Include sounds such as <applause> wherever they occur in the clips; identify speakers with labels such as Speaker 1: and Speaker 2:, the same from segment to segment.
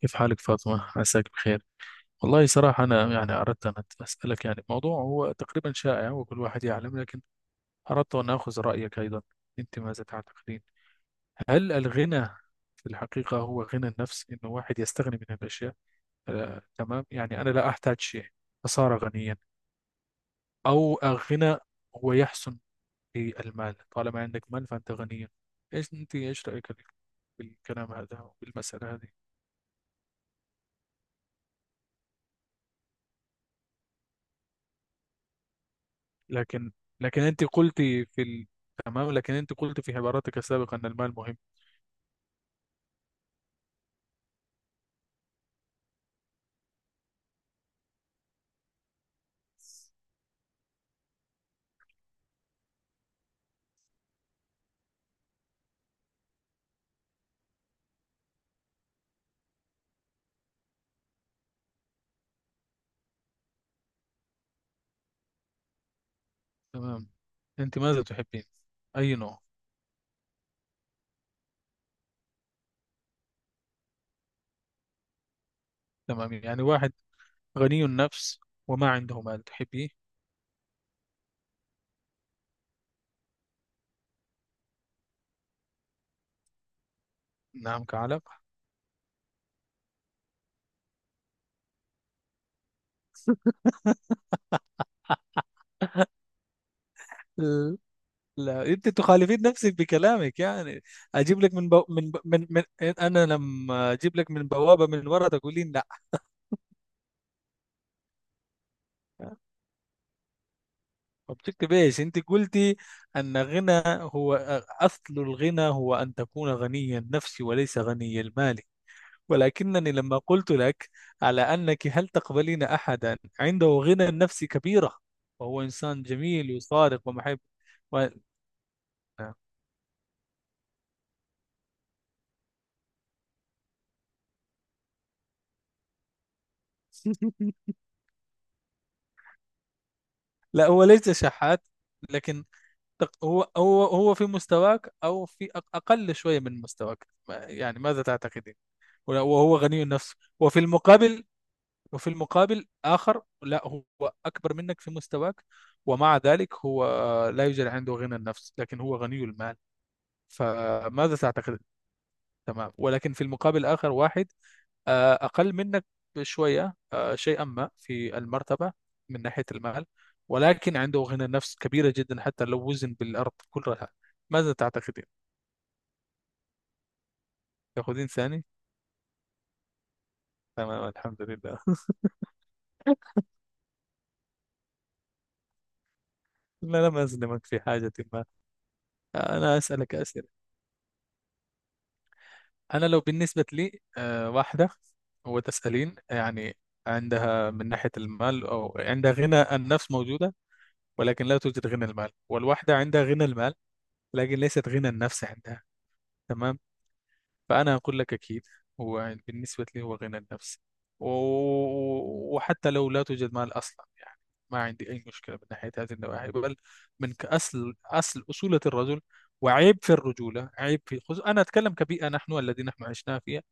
Speaker 1: كيف حالك فاطمة؟ عساك بخير. والله صراحة أنا يعني أردت أن أسألك يعني موضوع هو تقريبا شائع وكل واحد يعلم، لكن أردت أن آخذ رأيك أيضا. أنت ماذا تعتقدين؟ هل الغنى في الحقيقة هو غنى النفس، إنه واحد يستغني من الأشياء، تمام، يعني أنا لا أحتاج شيء فصار غنيا، أو الغنى هو يحسن في المال، طالما عندك مال فأنت غني. إيش رأيك في الكلام هذا والمسألة هذه؟ لكن لكن انت قلت تمام، لكن انت قلت في عباراتك السابقة ان المال مهم. تمام، انت ماذا تحبين؟ اي نوع؟ تمام، يعني واحد غني النفس وما عنده مال تحبيه؟ نعم، كعلم. ال- لا، انت تخالفين نفسك بكلامك يعني. اجيب لك من بو... من, ب... من من انا لما اجيب لك من بوابة من ورا تقولين لا. وبشكل بايش انت قلتي ان غنى هو اصل الغنى هو ان تكون غني النفس وليس غني المال، ولكنني لما قلت لك على أنك، هل تقبلين أحدا عنده غنى نفسي كبيرة وهو إنسان جميل وصادق ومحب؟ و... <laughs> لا هو ليس شحات، لكن هو في مستواك أو في أقل شوية من مستواك، يعني ماذا تعتقدين؟ وهو غني النفس. وفي المقابل وفي المقابل آخر، لا هو أكبر منك في مستواك، ومع ذلك هو لا يوجد عنده غنى النفس لكن هو غني المال، فماذا تعتقد؟ تمام، ولكن في المقابل آخر واحد أقل منك بشوية، شيئا ما في المرتبة من ناحية المال، ولكن عنده غنى نفس كبيرة جدا حتى لو وزن بالأرض كلها، ماذا تعتقدين؟ تأخذين ثاني؟ تمام، الحمد لله. <laughs> لا، لم أظلمك في حاجة ما. أنا أسألك أسئلة. أنا لو بالنسبة لي واحدة وتسألين يعني، عندها من ناحية المال أو عندها غنى النفس موجودة ولكن لا توجد غنى المال، والواحدة عندها غنى المال لكن ليست غنى النفس عندها، تمام؟ فأنا أقول لك أكيد هو بالنسبة لي هو غنى النفس، و... وحتى لو لا توجد مال أصلا، يعني ما عندي أي مشكلة من ناحية هذه النواحي، بل من أصل أصل أصولة الرجل، وعيب في الرجولة، عيب في أنا أتكلم كبيئة نحن الذين عشنا فيها،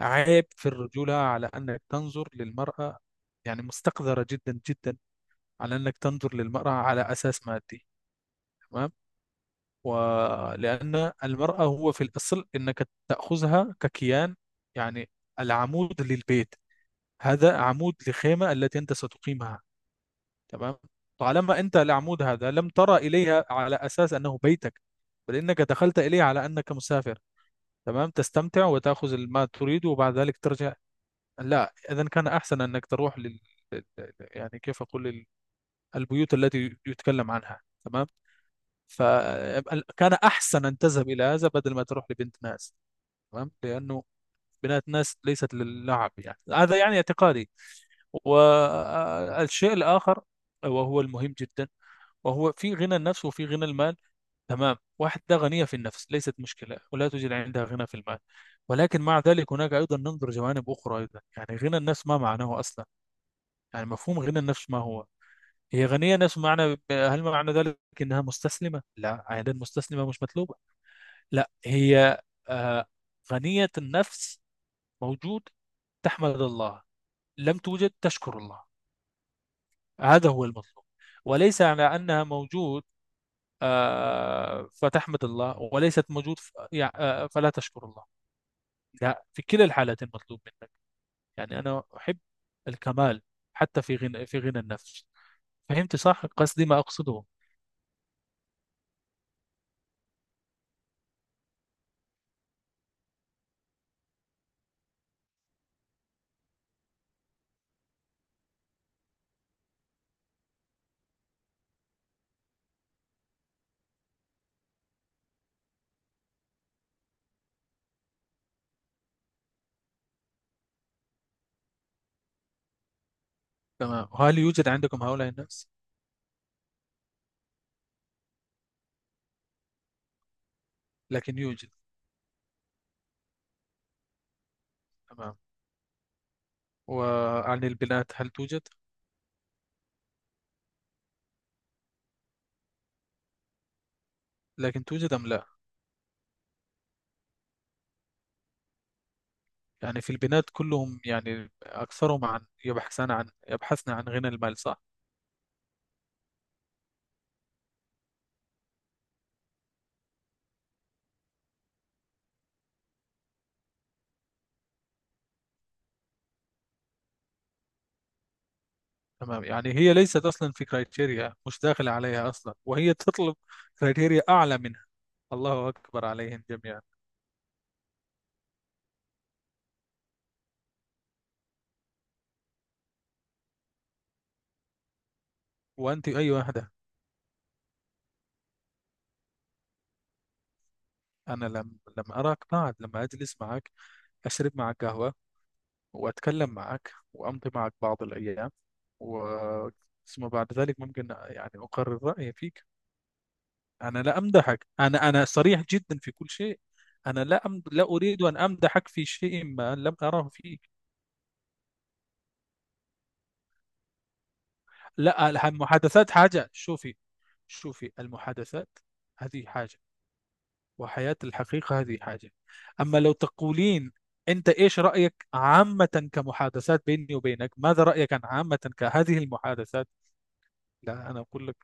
Speaker 1: عيب في الرجولة على أنك تنظر للمرأة، يعني مستقذرة جدا جدا، على أنك تنظر للمرأة على أساس مادي. تمام، ولأن المرأة هو في الأصل أنك تأخذها ككيان، يعني العمود للبيت، هذا عمود لخيمة التي أنت ستقيمها. تمام، طالما أنت العمود هذا لم ترى إليها على أساس أنه بيتك، بل إنك دخلت إليه على أنك مسافر، تمام، تستمتع وتأخذ ما تريد وبعد ذلك ترجع، لا. إذا كان أحسن أنك تروح لل- يعني كيف أقول البيوت التي يتكلم عنها، تمام، فكان أحسن أن تذهب إلى هذا بدل ما تروح لبنت ناس، تمام، لأنه بنات ناس ليست للعب، يعني هذا يعني اعتقادي. والشيء الآخر وهو المهم جدا، وهو في غنى النفس وفي غنى المال، تمام، واحدة غنية في النفس ليست مشكلة ولا توجد عندها غنى في المال، ولكن مع ذلك هناك أيضا ننظر جوانب أخرى أيضا. يعني غنى النفس ما معناه أصلا، يعني مفهوم غنى النفس ما هو؟ هي غنية نفس معنى، هل معنى ذلك أنها مستسلمة؟ لا، عادة مستسلمة مش مطلوبة، لا. هي آه، غنية النفس، موجود تحمد الله، لم توجد تشكر الله، هذا هو المطلوب. وليس على أنها موجود فتحمد الله وليست موجود فلا تشكر الله، لا. في كلا الحالتين مطلوب منك، يعني أنا أحب الكمال حتى في غنى النفس. فهمت صح قصدي ما أقصده؟ تمام، هل يوجد عندكم هؤلاء الناس؟ لكن يوجد؟ تمام، وعن البنات هل توجد؟ لكن توجد أم لا؟ يعني في البنات كلهم، يعني أكثرهم، عن يبحثان عن يبحثن عن غنى المال، صح؟ تمام، يعني هي ليست أصلا في كرايتيريا، مش داخلة عليها أصلا، وهي تطلب كرايتيريا أعلى منها، الله أكبر عليهم جميعا. وأنت أي واحدة؟ أنا لم لما أراك بعد لما أجلس معك، أشرب معك قهوة وأتكلم معك وأمضي معك بعض الأيام، و ثم بعد ذلك ممكن يعني أقرر رأيي فيك. أنا لا أمدحك، أنا صريح جدا في كل شيء، أنا لا أريد أن أمدحك في شيء ما لم أره فيك. لا، المحادثات حاجة، شوفي، المحادثات هذه حاجة، وحياة الحقيقة هذه حاجة. أما لو تقولين أنت إيش رأيك عامة كمحادثات بيني وبينك، ماذا رأيك عن عامة كهذه المحادثات؟ لا، أنا أقول لك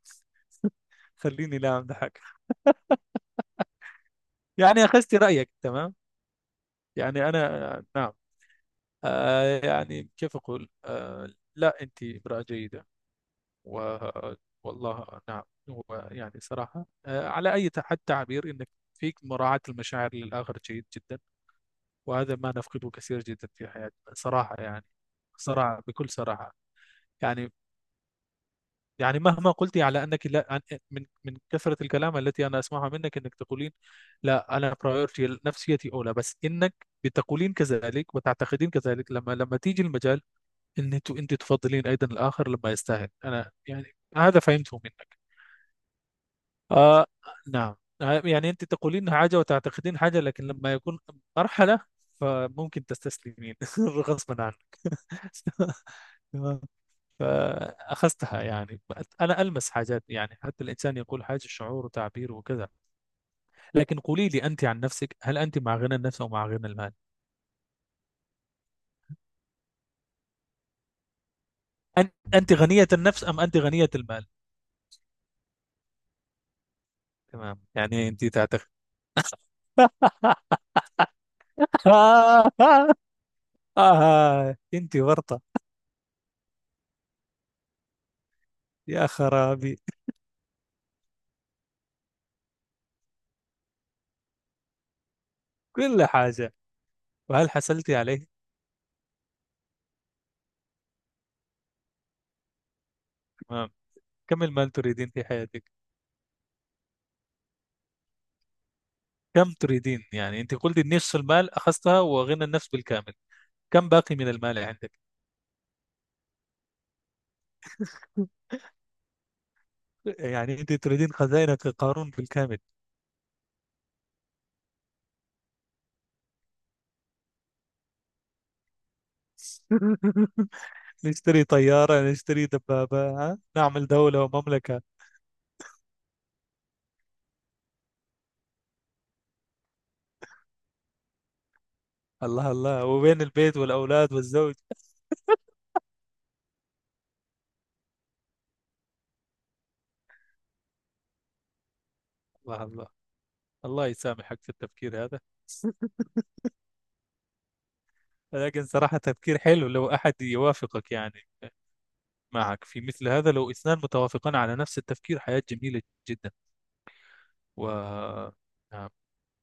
Speaker 1: خليني لا أمدحك. يعني أخذت رأيك، تمام. يعني أنا، نعم، يعني كيف أقول، لا، أنت امرأة جيدة. و والله نعم، هو يعني صراحة على أي حد تعبير إنك فيك مراعاة المشاعر للآخر جيد جدا، وهذا ما نفقده كثير جدا في حياتنا صراحة يعني، صراحة بكل صراحة. يعني، مهما قلتي على أنك لا، من كثرة الكلام التي أنا أسمعها منك إنك تقولين لا أنا برايورتي نفسيتي أولى، بس إنك بتقولين كذلك وتعتقدين كذلك، لما تيجي المجال ان انت تفضلين ايضا الاخر لما يستاهل انا، يعني هذا فهمته منك. آه نعم، يعني انت تقولين حاجه وتعتقدين حاجه، لكن لما يكون مرحله فممكن تستسلمين <laughs> غصبا عنك. <laughs> تمام، فاخذتها يعني، انا المس حاجات، يعني حتى الانسان يقول حاجه شعور وتعبير وكذا، لكن قولي لي انت عن نفسك، هل انت مع غنى النفس او مع غنى المال؟ أن- انت غنيه النفس ام انت غنيه المال؟ تمام، يعني انت تعتقد. <laughs> آه أنت ورطة، يا خرابي، كل حاجة. وهل حصلت عليه؟ تمام، كم المال تريدين في حياتك؟ كم تريدين؟ يعني أنت قلت نصف المال أخذتها وغنى النفس بالكامل، كم باقي من المال عندك؟ يعني أنت تريدين خزائنك قارون بالكامل. <laughs> نشتري طيارة، نشتري دبابة، ها؟ نعمل دولة ومملكة؟ الله الله، وبين البيت والأولاد والزوج؟ الله الله، الله يسامحك في التفكير هذا. لكن صراحة تفكير حلو لو أحد يوافقك يعني، معك في مثل هذا، لو اثنان متوافقان على نفس التفكير حياة جميلة جدا. و نعم،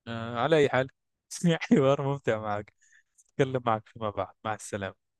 Speaker 1: على أي حال، <laughs> حوار ممتع معك، أتكلم معك فيما بعد، مع السلامة.